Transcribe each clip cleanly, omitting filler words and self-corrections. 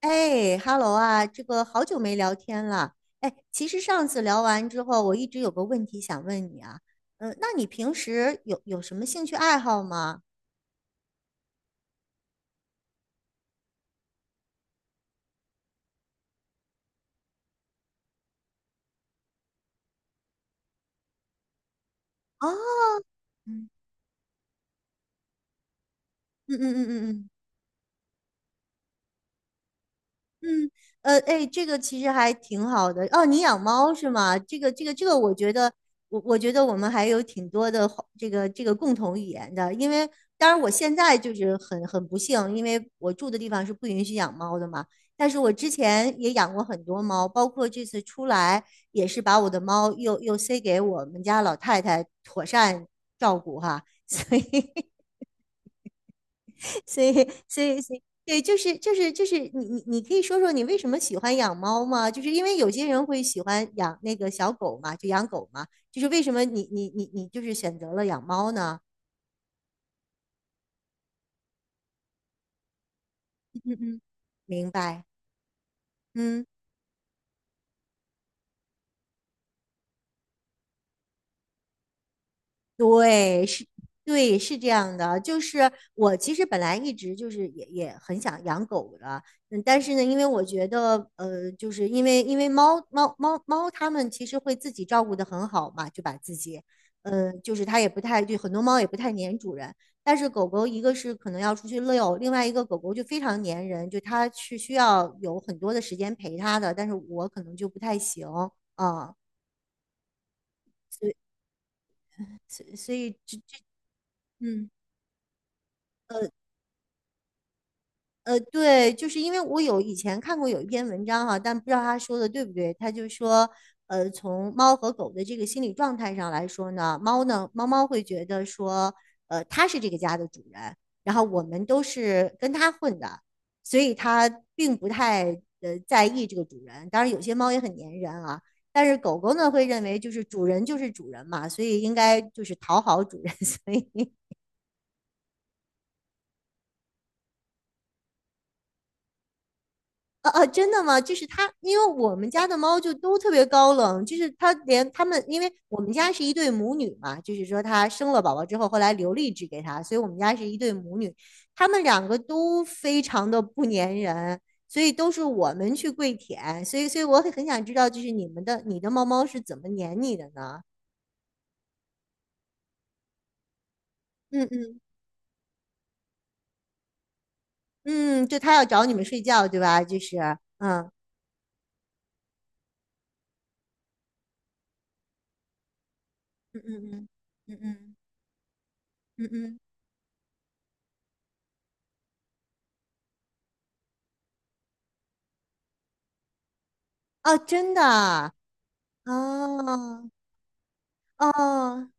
哎，Hello 啊，这个好久没聊天了。哎，其实上次聊完之后，我一直有个问题想问你啊。嗯、那你平时有什么兴趣爱好吗？哦，嗯嗯嗯嗯嗯。嗯，哎，这个其实还挺好的哦。你养猫是吗？这个，我觉得，我觉得我们还有挺多的话这个共同语言的。因为当然我现在就是很不幸，因为我住的地方是不允许养猫的嘛。但是我之前也养过很多猫，包括这次出来也是把我的猫又塞给我们家老太太妥善照顾哈。所以所以，所以，对，就是你可以说说你为什么喜欢养猫吗？就是因为有些人会喜欢养那个小狗嘛，就养狗嘛，就是为什么你就是选择了养猫呢？嗯嗯，明白，嗯。对，是，对，是这样的。就是我其实本来一直就是也很想养狗的，嗯，但是呢，因为我觉得，就是因为猫猫它们其实会自己照顾得很好嘛，就把自己，嗯、就是它也不太，就很多猫也不太粘主人。但是狗狗一个是可能要出去遛，另外一个狗狗就非常粘人，就它是需要有很多的时间陪它的，但是我可能就不太行啊，所以所以这嗯。呃对，就是因为我有以前看过有一篇文章哈，但不知道他说的对不对。他就说，从猫和狗的这个心理状态上来说呢，猫呢，猫猫会觉得说，它是这个家的主人，然后我们都是跟它混的，所以它并不太在意这个主人。当然，有些猫也很粘人啊，但是狗狗呢会认为就是主人就是主人嘛，所以应该就是讨好主人，所以哦啊真的吗？就是它，因为我们家的猫就都特别高冷，就是它连它们，因为我们家是一对母女嘛，就是说它生了宝宝之后，后来留了一只给它，所以我们家是一对母女，它们两个都非常的不粘人，所以都是我们去跪舔，所以我很想知道，就是你们的你的猫猫是怎么粘你的呢？嗯嗯嗯，就它要找你们睡觉，对吧？就是嗯嗯嗯嗯嗯嗯嗯嗯，哦，真的啊。哦哦，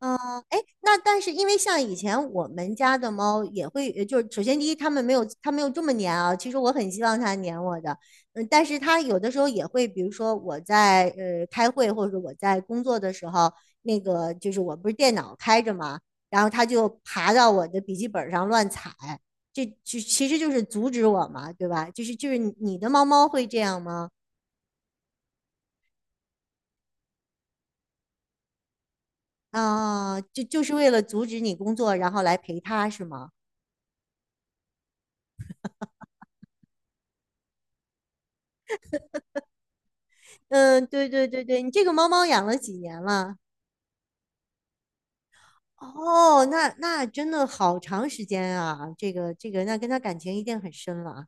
哦，哎，那但是因为像以前我们家的猫也会，就是首先第一，它们没有它没有这么粘啊。其实我很希望它粘我的，嗯，但是它有的时候也会，比如说我在开会或者我在工作的时候，那个就是我不是电脑开着嘛，然后它就爬到我的笔记本上乱踩，这就其实就是阻止我嘛，对吧？就是就是你你的猫猫会这样吗？啊，就就是为了阻止你工作，然后来陪它是吗？嗯，对对对对，你这个猫猫养了几年了？哦，那那真的好长时间啊，这个这个，那跟它感情一定很深了。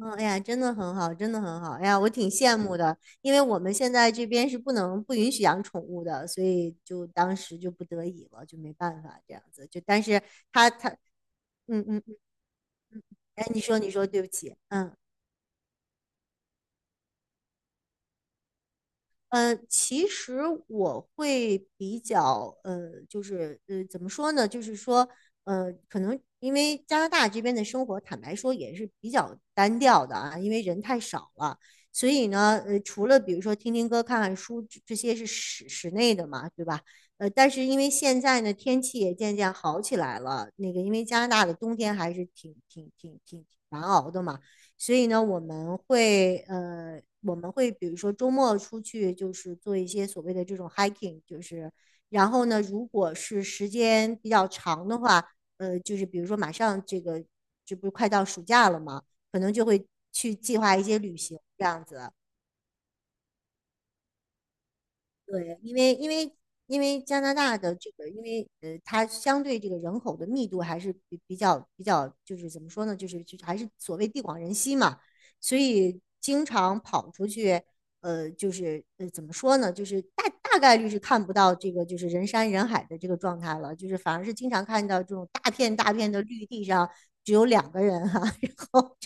嗯，哎呀，真的很好，真的很好。哎呀，我挺羡慕的，因为我们现在这边是不能不允许养宠物的，所以就当时就不得已了，就没办法这样子。就但是它它，嗯嗯，嗯哎，你说你说，对不起，嗯。其实我会比较就是怎么说呢？就是说，可能因为加拿大这边的生活，坦白说也是比较单调的啊，因为人太少了，所以呢，除了比如说听听歌、看看书，这些是室内的嘛，对吧？但是因为现在呢，天气也渐渐好起来了，那个因为加拿大的冬天还是挺难熬的嘛。所以呢，我们会比如说周末出去，就是做一些所谓的这种 hiking，就是然后呢，如果是时间比较长的话，就是比如说马上这个这不是快到暑假了嘛，可能就会去计划一些旅行这样子。对，因为加拿大的这个，因为它相对这个人口的密度还是比较，就是怎么说呢，就是就还是所谓地广人稀嘛，所以经常跑出去，就是怎么说呢，就是大概率是看不到这个就是人山人海的这个状态了，就是反而是经常看到这种大片大片的绿地上只有两个人哈、啊 然后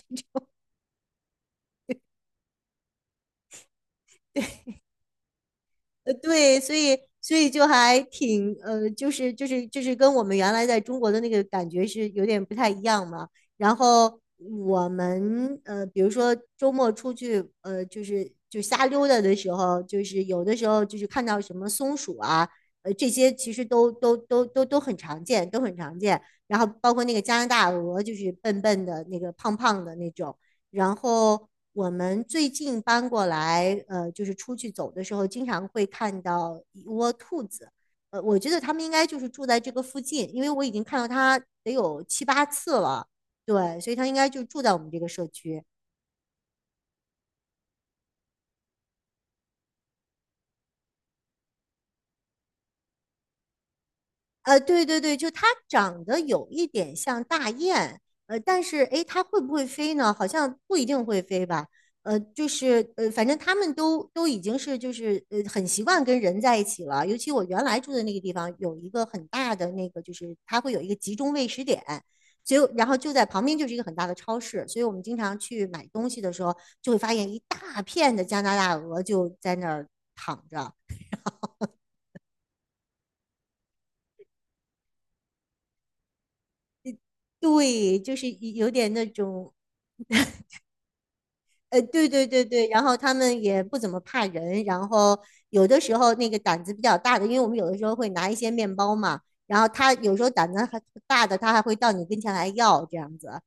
对，所以就还就是跟我们原来在中国的那个感觉是有点不太一样嘛。然后我们比如说周末出去,就是就瞎溜达的时候，就是有的时候就是看到什么松鼠啊，这些其实都很常见，都很常见。然后包括那个加拿大鹅，就是笨笨的那个胖胖的那种。然后我们最近搬过来，就是出去走的时候，经常会看到一窝兔子。呃，我觉得他们应该就是住在这个附近，因为我已经看到它得有七八次了。对，所以它应该就住在我们这个社区。对对对，就它长得有一点像大雁，但是诶，它会不会飞呢？好像不一定会飞吧。反正他们都已经是就是很习惯跟人在一起了。尤其我原来住的那个地方有一个很大的那个，就是它会有一个集中喂食点，就然后就在旁边就是一个很大的超市，所以我们经常去买东西的时候，就会发现一大片的加拿大鹅就在那儿躺着。对，就是有点那种对对对对，然后他们也不怎么怕人，然后有的时候那个胆子比较大的，因为我们有的时候会拿一些面包嘛，然后他有时候胆子还大的，他还会到你跟前来要这样子。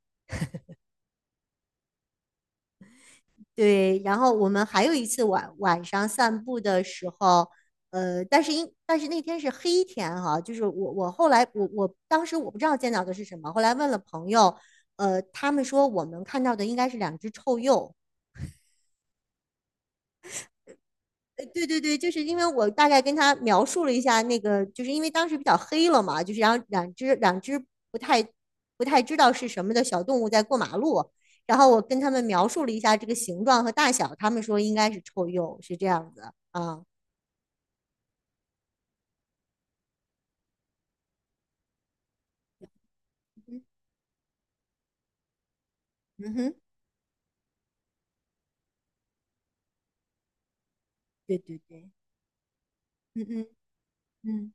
对，然后我们还有一次晚上散步的时候，但是那天是黑天哈，就是我后来我当时我不知道见到的是什么，后来问了朋友，他们说我们看到的应该是两只臭鼬。对对对，就是因为我大概跟他描述了一下那个，就是因为当时比较黑了嘛，就是然后两只不太不太知道是什么的小动物在过马路，然后我跟他们描述了一下这个形状和大小，他们说应该是臭鼬，是这样子啊。嗯嗯哼，对对对，嗯嗯嗯，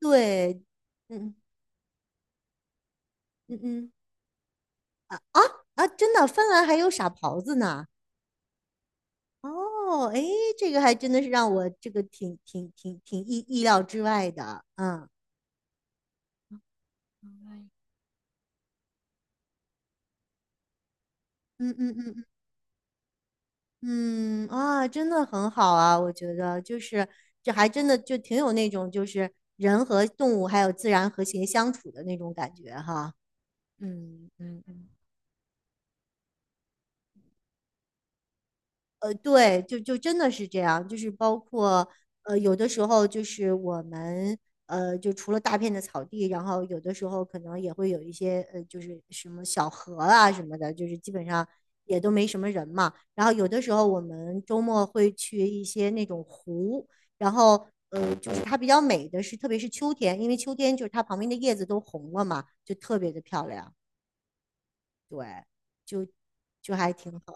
对，嗯嗯嗯啊，真的，芬兰还有傻狍子呢。哦，哎，这个还真的是让我这个挺意料之外的，嗯嗯嗯嗯。嗯啊，真的很好啊，我觉得就是这还真的就挺有那种就是人和动物还有自然和谐相处的那种感觉哈。嗯嗯。对，就真的是这样，就是包括有的时候就是我们,就除了大片的草地，然后有的时候可能也会有一些就是什么小河啊什么的，就是基本上也都没什么人嘛。然后有的时候我们周末会去一些那种湖，然后就是它比较美的是，特别是秋天，因为秋天就是它旁边的叶子都红了嘛，就特别的漂亮，就还挺好。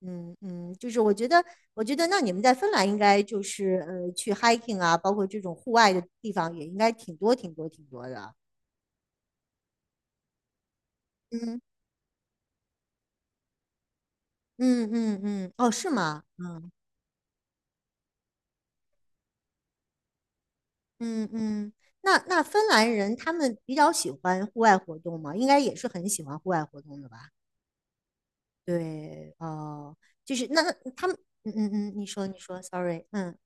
嗯嗯，就是我觉得，我觉得那你们在芬兰应该就是去 hiking 啊，包括这种户外的地方也应该挺多挺多挺多的。嗯嗯嗯嗯，哦，是吗？嗯嗯嗯，那芬兰人他们比较喜欢户外活动吗？应该也是很喜欢户外活动的吧？对，哦，就是那他们，嗯嗯嗯，你说你说，sorry，嗯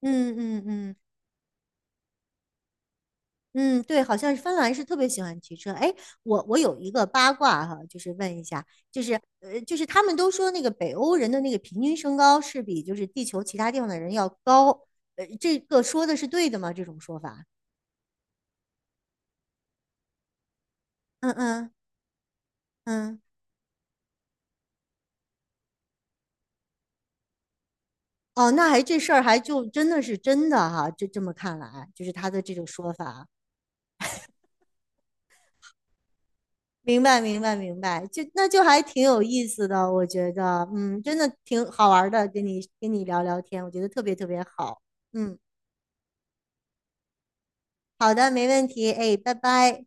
嗯嗯嗯。嗯，对，好像是芬兰是特别喜欢骑车。哎，我有一个八卦哈，就是问一下，就是就是他们都说那个北欧人的那个平均身高是比就是地球其他地方的人要高，这个说的是对的吗？这种说法？嗯嗯嗯，哦，那还这事儿还就真的是真的哈，就这么看来，就是他的这种说法。明白，明白，明白，就那就还挺有意思的，我觉得，嗯，真的挺好玩儿的，跟你聊聊天，我觉得特别特别好，嗯。好的，没问题。哎，拜拜。